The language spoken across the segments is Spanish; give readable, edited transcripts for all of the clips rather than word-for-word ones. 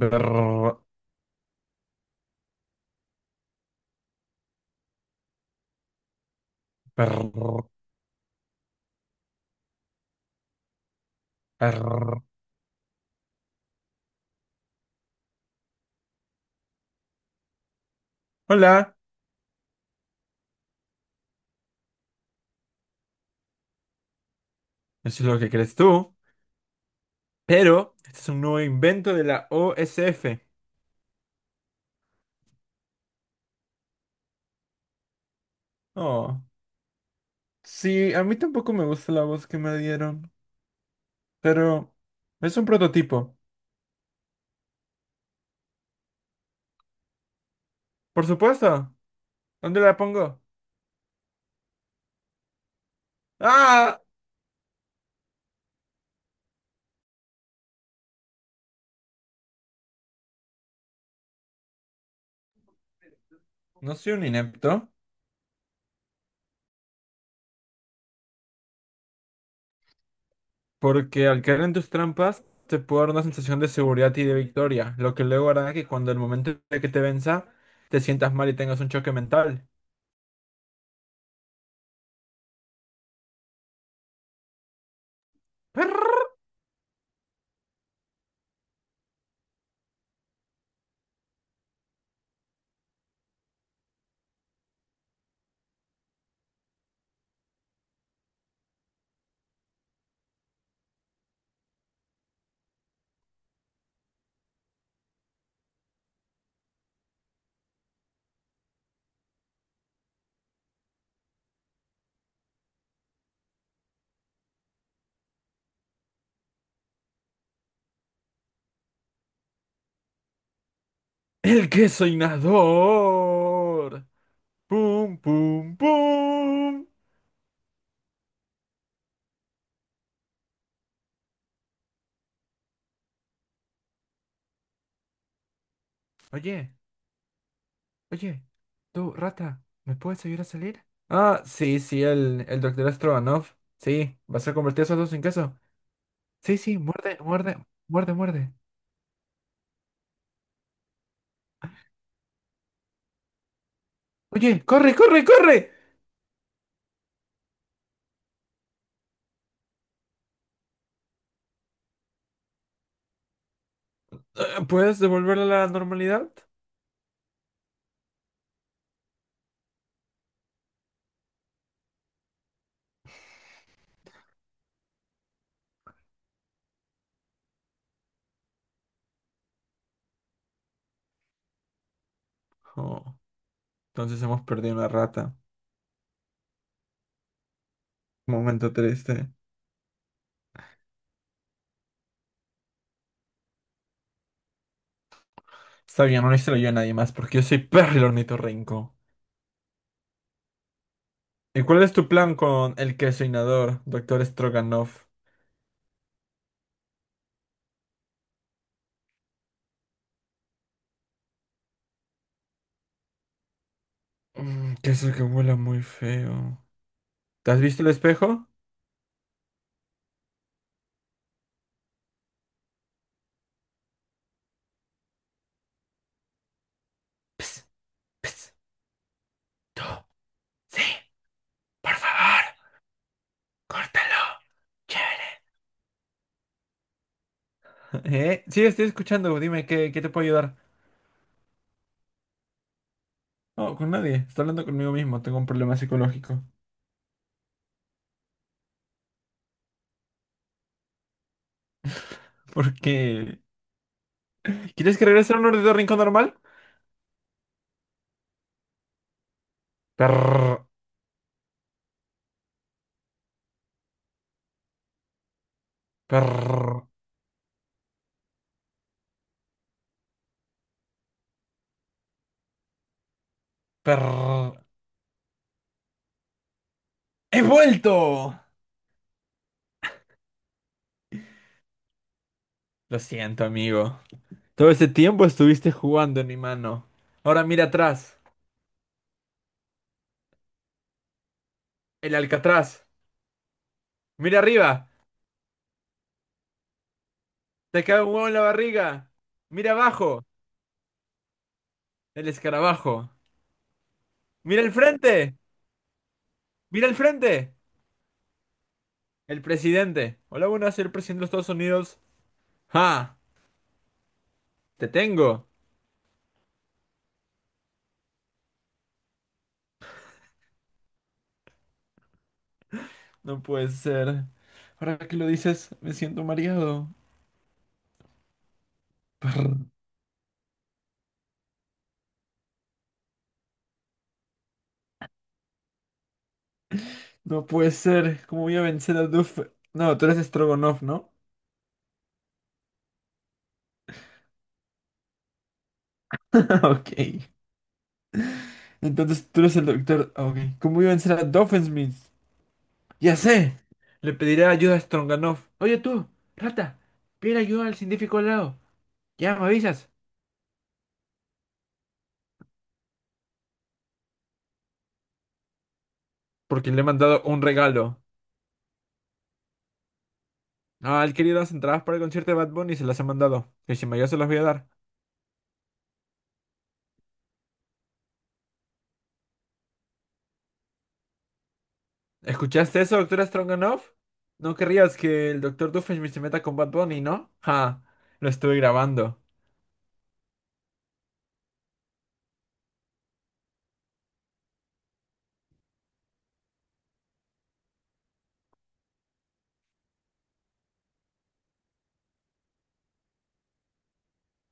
Brr, brr, brr. Hola, eso es lo que crees tú, pero este es un nuevo invento de la OSF. Oh, sí, a mí tampoco me gusta la voz que me dieron, pero es un prototipo. Por supuesto, ¿dónde la pongo? ¡Ah! No soy un inepto, porque al caer en tus trampas te puedo dar una sensación de seguridad y de victoria, lo que luego hará que cuando el momento de que te venza te sientas mal y tengas un choque mental. Brr. El queso inador. Pum, pum, pum. Oye, oye, tú, rata, ¿me puedes ayudar a salir? Ah, sí, sí, el doctor Astrovanov. Sí, vas a convertir esos dos en queso. Sí, sí, muerde, muerde, muerde, muerde. Oye, corre, corre, corre. ¿Puedes devolverle la normalidad? Oh, entonces hemos perdido una rata. Momento triste. Está bien, no lo yo a nadie más porque yo soy Perry el ornitorrinco. ¿Y cuál es tu plan con el queso inodoro, doctor Stroganoff? Mm, queso que huela muy feo. ¿Te has visto el espejo? Ps, ps, tú, sí, por favor, córtalo, chévere. ¿Eh? Sí, estoy escuchando, dime, qué te puedo ayudar? No, con nadie, estoy hablando conmigo mismo, tengo un problema psicológico. ¿Por qué? ¿Quieres que regrese a un orden rincón normal? Perr, perr, perr. ¡He vuelto! Lo siento, amigo. Todo ese tiempo estuviste jugando en mi mano. Ahora mira atrás, el Alcatraz. Mira arriba, te cae un huevo en la barriga. Mira abajo, el escarabajo. Mira el frente, mira el frente, el presidente. Hola, buenas, soy el presidente de los Estados Unidos. ¡Ja! ¡Te tengo! No puede ser. Ahora que lo dices, me siento mareado. Brr, No puede ser. ¿Cómo voy a vencer a Duff? No, tú eres Strogonoff, ¿no? Ok. Entonces tú eres el doctor. Ah, ok. ¿Cómo iban a ser a Doofenshmirtz? Ya sé. Le pediré ayuda a Stroganoff. Oye tú, rata, pide ayuda al científico al lado. Ya me avisas. Porque le he mandado un regalo. Ah, él quería las entradas para el concierto de Bad Bunny y se las he mandado. Que si me ayuda se las voy a dar. ¿Escuchaste eso, doctora Stroganoff? No querrías que el doctor Doofenshmirtz se meta con Bad Bunny, ¿no? Ja, lo estuve grabando.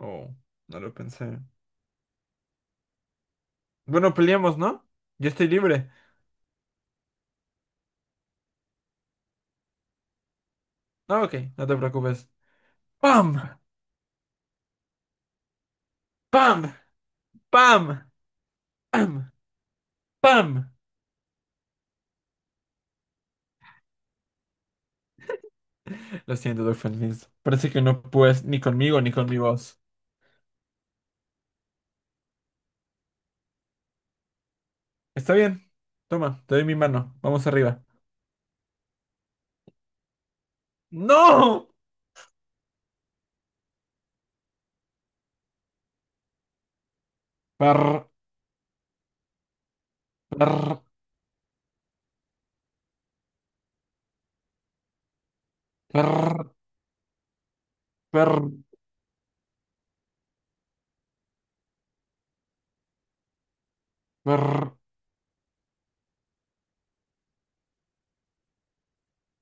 Oh, no lo pensé. Bueno, peleamos, ¿no? Yo estoy libre. Ah, ok, no te preocupes. ¡Pam! ¡Pam! ¡Pam! ¡Pam! ¡Pam! Lo siento, Dolphin Mills. Parece que no puedes ni conmigo ni con mi voz. Está bien. Toma, te doy mi mano. Vamos arriba. ¡No! Per, per, per, per, per,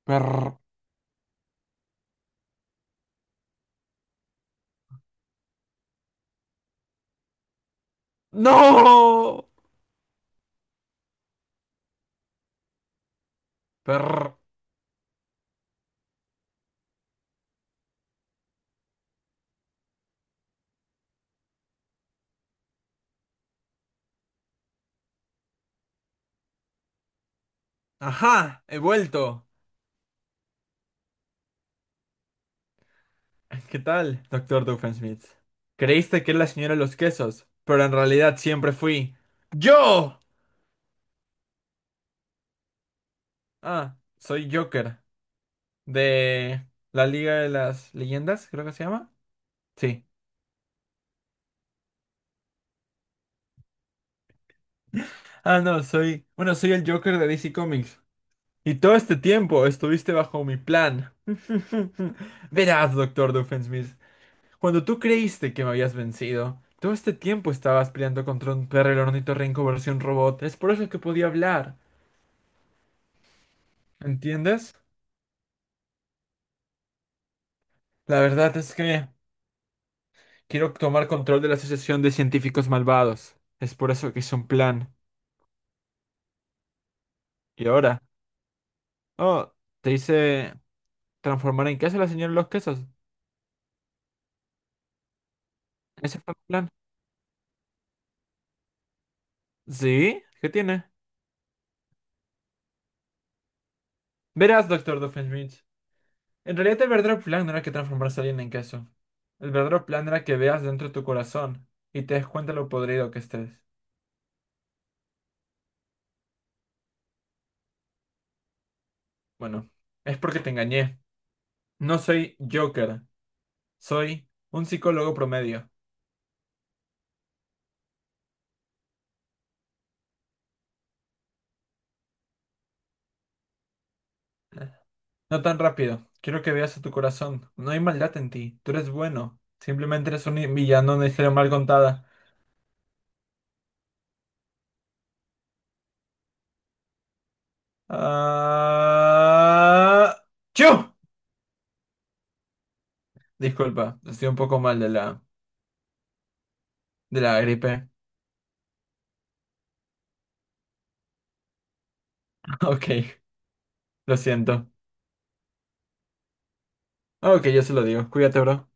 per. ¡No! Per. Ajá, he vuelto. ¿Qué tal, doctor Doofenshmirtz? Creíste que era la señora de los quesos, pero en realidad siempre fui yo. Ah, soy Joker de la Liga de las Leyendas, creo que se llama. Sí. Ah, no, soy, bueno, soy el Joker de DC Comics. Y todo este tiempo estuviste bajo mi plan. Verás, doctor Doofenshmirtz, cuando tú creíste que me habías vencido, todo este tiempo estabas peleando contra un perro el ornitorrinco versión robot. Es por eso que podía hablar. ¿Entiendes? La verdad es que quiero tomar control de la Asociación de Científicos Malvados. Es por eso que hice un plan. Y ahora, oh, te hice ¿transformar en queso a la señora de los quesos? ¿Ese fue el plan? ¿Sí? ¿Qué tiene? Verás, doctor Doofenshmirtz. En realidad el verdadero plan no era que transformarse a alguien en queso. El verdadero plan era que veas dentro de tu corazón y te des cuenta lo podrido que estés. Bueno, es porque te engañé. No soy Joker. Soy un psicólogo promedio. No tan rápido. Quiero que veas a tu corazón. No hay maldad en ti. Tú eres bueno. Simplemente eres un villano, de una historia mal contada. Ah... ¡Chu! Disculpa, estoy un poco mal de la gripe. Ok, lo siento. Ok, yo se lo digo. Cuídate, bro.